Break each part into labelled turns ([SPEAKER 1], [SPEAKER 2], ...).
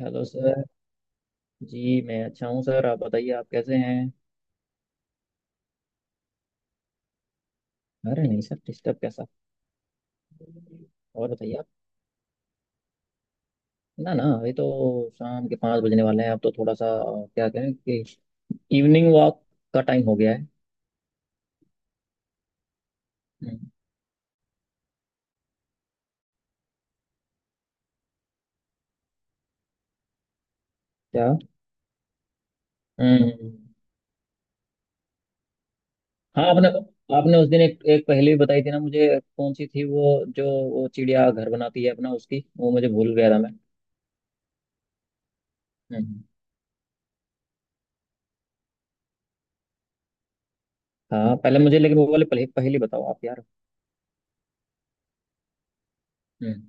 [SPEAKER 1] Hello sir. Ji, मैं अच्छा हूँ सर। आप बताइए, आप कैसे हैं? अरे नहीं सर, डिस्टर्ब कैसा। और बताइए आप। ना ना, अभी तो शाम के 5 बजने वाले हैं, अब तो थोड़ा सा क्या कहें कि इवनिंग वॉक का टाइम हो गया है। हम्म, क्या? हम्म। हाँ, आपने आपने उस दिन एक पहले भी बताई थी ना मुझे। कौन सी थी वो जो वो चिड़िया घर बनाती है अपना, उसकी वो मुझे भूल गया था मैं। हम्म। हाँ पहले मुझे, लेकिन वो वाले पहले पहले बताओ आप यार। हम्म।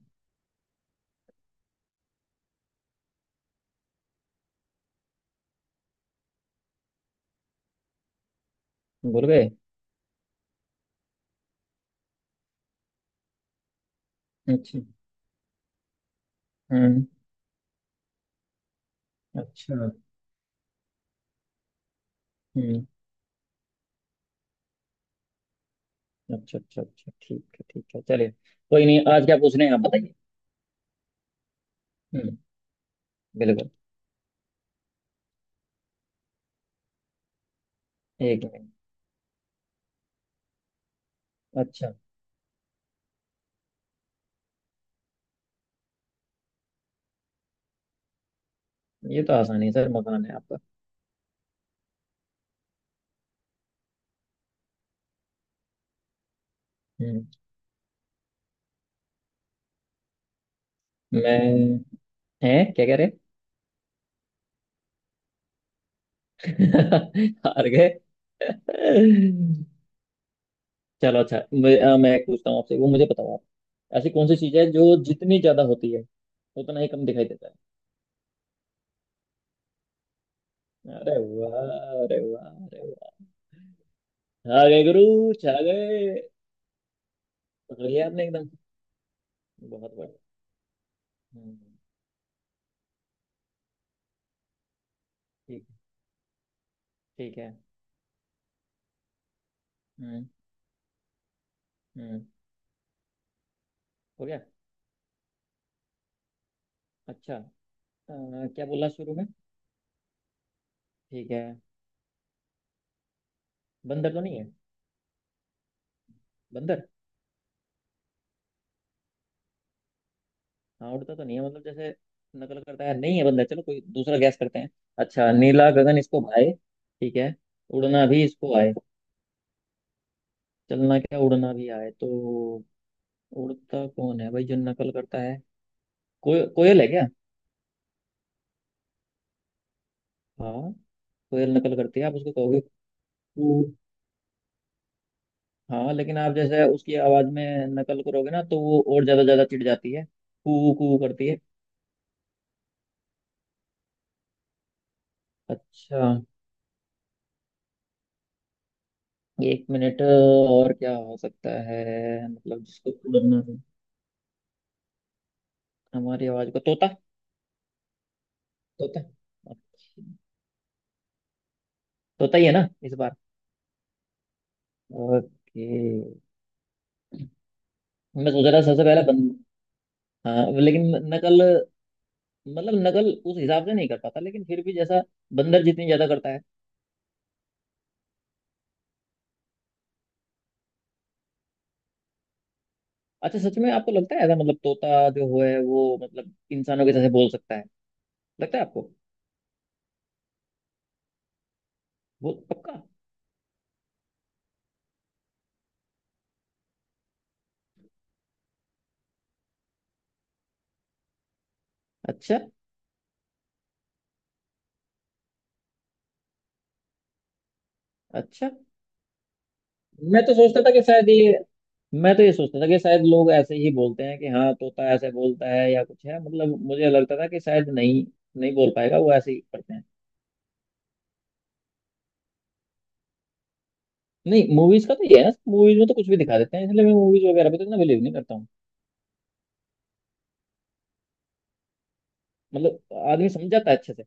[SPEAKER 1] भूल गए? अच्छा। हम्म। अच्छा। हम्म। अच्छा अच्छा अच्छा, ठीक है ठीक है, चलिए। कोई नहीं, आज क्या पूछने हैं आप बताइए। हम्म। बिल्कुल। एक मिनट। अच्छा। ये तो आसान है सर, मकान है आपका। हम्म। मैं, है? क्या कह रहे? हार गए? चलो अच्छा, मैं एक पूछता हूँ आपसे, वो मुझे बताओ आप। ऐसी कौन सी चीज है जो जितनी ज्यादा होती है उतना ही कम दिखाई देता है? अरे वाह। अरे वाह, अरे वाह, आ गए गुरु, छा गए। पकड़ लिया आपने एकदम। बहुत बढ़िया। हम्म, ठीक। ठीक है। हम्म हम्म। हो गया। अच्छा। क्या बोला शुरू में? ठीक है। बंदर तो नहीं है? बंदर? हाँ, उड़ता तो नहीं है मतलब, जैसे नकल करता है, नहीं है बंदर। चलो कोई दूसरा गैस करते हैं। अच्छा, नीला गगन इसको भाए। ठीक है। उड़ना भी इसको आए। चलना क्या उड़ना भी आए तो उड़ता कौन है भाई जो नकल करता है? कोयल है क्या? हाँ। कोयल नकल करती है, आप उसको कहोगे। कू। हाँ, लेकिन आप जैसे उसकी आवाज में नकल करोगे ना तो वो और ज्यादा ज्यादा चिढ़ जाती है, कू कू करती है। अच्छा। एक मिनट, और क्या हो सकता है? मतलब जिसको पकड़ना है हमारी आवाज को, तोता। तोता। अच्छा। तोता ही है ना इस बार? ओके। मैं सोच रहा था सबसे पहले बंद हाँ, लेकिन नकल, मतलब नकल उस हिसाब से नहीं कर पाता, लेकिन फिर भी जैसा बंदर जितनी ज्यादा करता है। अच्छा, सच में आपको लगता है ऐसा? मतलब तोता जो है वो मतलब इंसानों के जैसे बोल सकता है? लगता है आपको? वो पक्का? अच्छा अच्छा। मैं तो सोचता था कि शायद ये, मैं तो ये सोचता था कि शायद लोग ऐसे ही बोलते हैं कि हाँ तोता ऐसे बोलता है या कुछ है, मतलब मुझे लगता था कि शायद नहीं, नहीं बोल पाएगा, वो ऐसे ही करते हैं। नहीं, मूवीज का तो ये है ना, मूवीज में तो कुछ भी दिखा देते हैं, इसलिए मैं मूवीज वगैरह पे तो इतना बिलीव नहीं करता हूँ। मतलब आदमी समझ जाता है अच्छे से?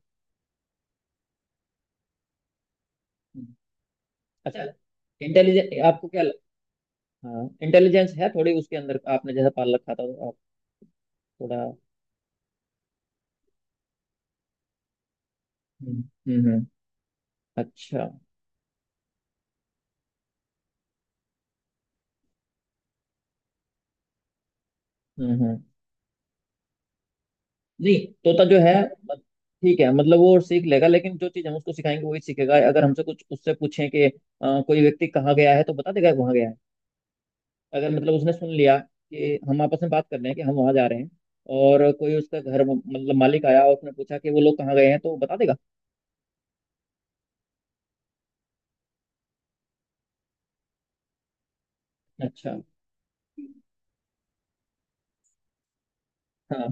[SPEAKER 1] हम्म। अच्छा। इंटेलिजेंस आपको क्या हाँ, इंटेलिजेंस है थोड़ी उसके अंदर, आपने जैसा पाल रखा था तो आप थोड़ा। हम्म। हम्म हम्म। अच्छा। हम्म। नहीं, तोता जो है मत- ठीक है, मतलब वो सीख लेगा, लेकिन जो चीज हम उसको सिखाएंगे वही सीखेगा। अगर हमसे कुछ उससे पूछें कि कोई व्यक्ति कहाँ गया है तो बता देगा वहां गया है। अगर मतलब उसने सुन लिया कि हम आपस में बात कर रहे हैं कि हम वहां जा रहे हैं और कोई उसका घर मतलब मालिक आया और उसने पूछा कि वो लोग कहाँ गए हैं तो बता देगा। अच्छा। हाँ।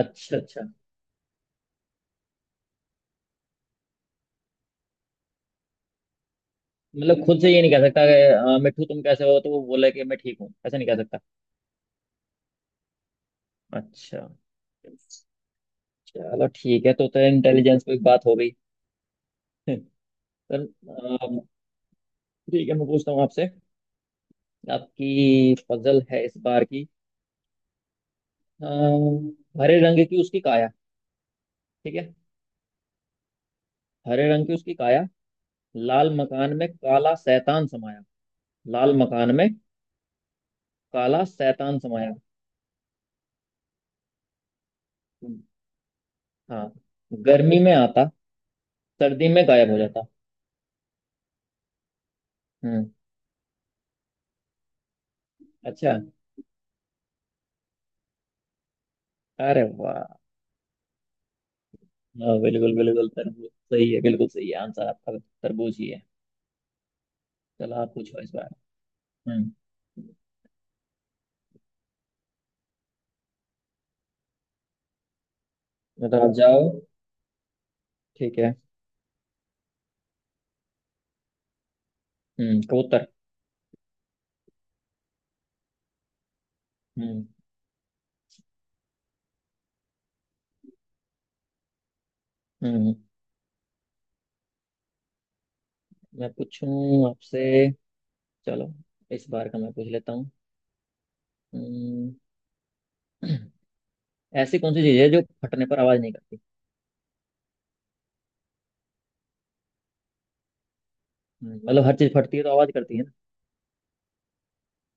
[SPEAKER 1] अच्छा अच्छा। मतलब खुद से ये नहीं कह सकता कि मिट्ठू तुम कैसे हो, तो वो बोले कि मैं ठीक हूँ, ऐसा नहीं कह सकता। अच्छा। चलो ठीक है, तो इंटेलिजेंस पे एक बात हो गई। सर, ठीक है, मैं पूछता हूँ आपसे। आपकी पजल है इस बार की। अम, हरे रंग की उसकी काया। ठीक है। हरे रंग की उसकी काया, लाल मकान में काला शैतान समाया। लाल मकान में काला शैतान समाया। हाँ। गर्मी में आता, सर्दी में गायब हो जाता। हम्म। अच्छा। अरे वाह। हाँ, बिल्कुल बिल्कुल, तरबूज सही है, बिल्कुल सही है आंसर आपका, तरबूज ही है। चलो आप पूछो इस बार। हम्म। मतलब आप जाओ। ठीक है। हम्म, कबूतर। हम्म। हम्म। मैं पूछूं आपसे। चलो। इस बार का मैं पूछ लेता हूँ। हम्म, ऐसी कौन सी चीज है जो फटने पर आवाज नहीं करती? मतलब हर चीज फटती है तो आवाज करती है ना।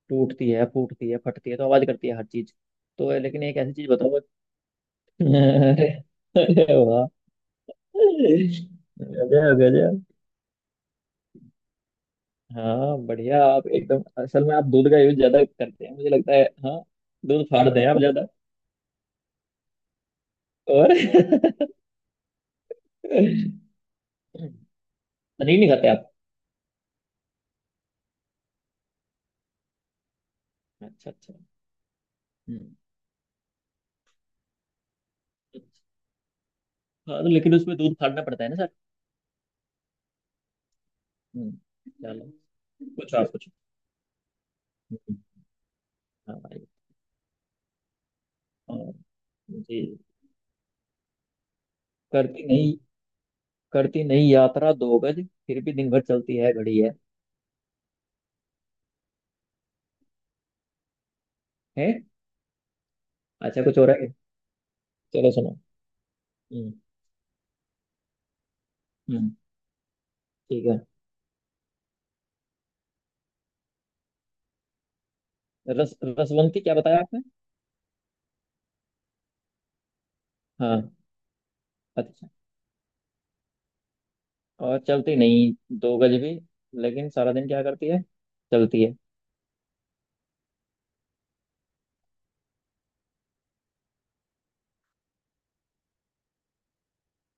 [SPEAKER 1] टूटती है फूटती है फटती है तो आवाज करती है हर चीज। तो लेकिन एक ऐसी चीज बताओ। अरे। अरे वाह। गजब गजब। हाँ बढ़िया, आप एकदम, असल में आप दूध का यूज ज्यादा करते हैं मुझे लगता है, हाँ। दूध फाड़ते हैं आप ज्यादा। और पनीर नहीं खाते आप? अच्छा अच्छा। हम्म। अच्छा। हाँ तो लेकिन उसमें दूध फाड़ना पड़ता है ना। हम्म। चलो। कुछ आप, कुछ हाँ भाई, और जी। करती नहीं, करती नहीं यात्रा 2 गज, फिर भी दिन भर चलती है, घड़ी है? हैं? अच्छा कुछ हो रहा है। चलो सुनो। हम्म। हम्म। ठीक है। रस रसवंती क्या बताया आपने? हाँ। अच्छा। और चलती नहीं 2 गज भी, लेकिन सारा दिन क्या करती है, चलती है?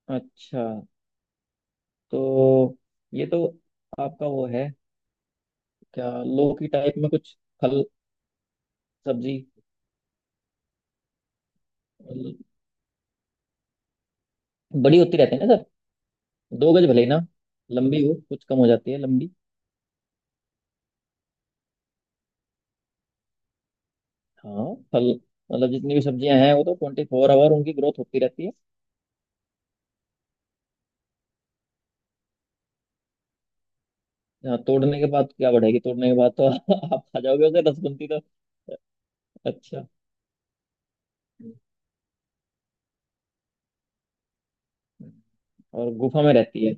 [SPEAKER 1] अच्छा। तो ये तो आपका वो है? क्या? लौकी टाइप में कुछ, फल, सब्जी? बड़ी होती रहती है ना, 2 गज भले ही ना लंबी हो, कुछ कम हो जाती है लंबी। हाँ, फल, मतलब जितनी भी सब्जियां हैं वो तो 24 आवर उनकी ग्रोथ होती रहती है। हाँ, तोड़ने के बाद क्या बढ़ेगी, तोड़ने के बाद तो आप खा जाओगे उसे, रसगुंती तो। अच्छा। और गुफा में रहती है?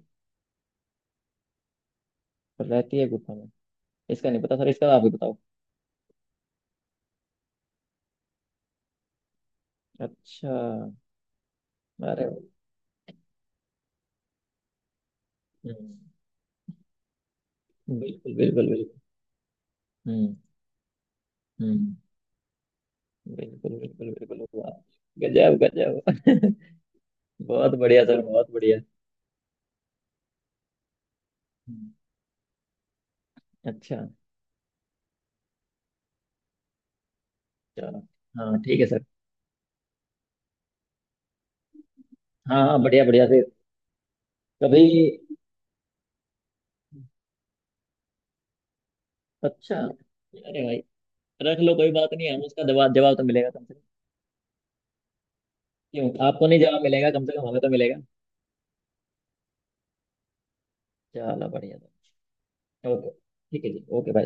[SPEAKER 1] रहती है गुफा में? इसका नहीं पता सर, इसका आप ही बताओ। अच्छा। अरे। हम्म, बिल्कुल बिल्कुल बिल्कुल। हम्म। हम्म। बिल्कुल बिल्कुल बिल्कुल, वाह। गजब गजब। बहुत बढ़िया सर, बहुत बढ़िया। हम्म, अच्छा। चलो। हाँ ठीक है सर। हाँ हाँ, बढ़िया बढ़िया फिर। कभी। अच्छा, अरे भाई, रख लो कोई बात नहीं, हम उसका जवाब जवाब तो मिलेगा कम से कम। क्यों, आपको नहीं जवाब मिलेगा, कम से कम हमें तो मिलेगा। चलो बढ़िया। ओके ठीक है जी, ओके भाई।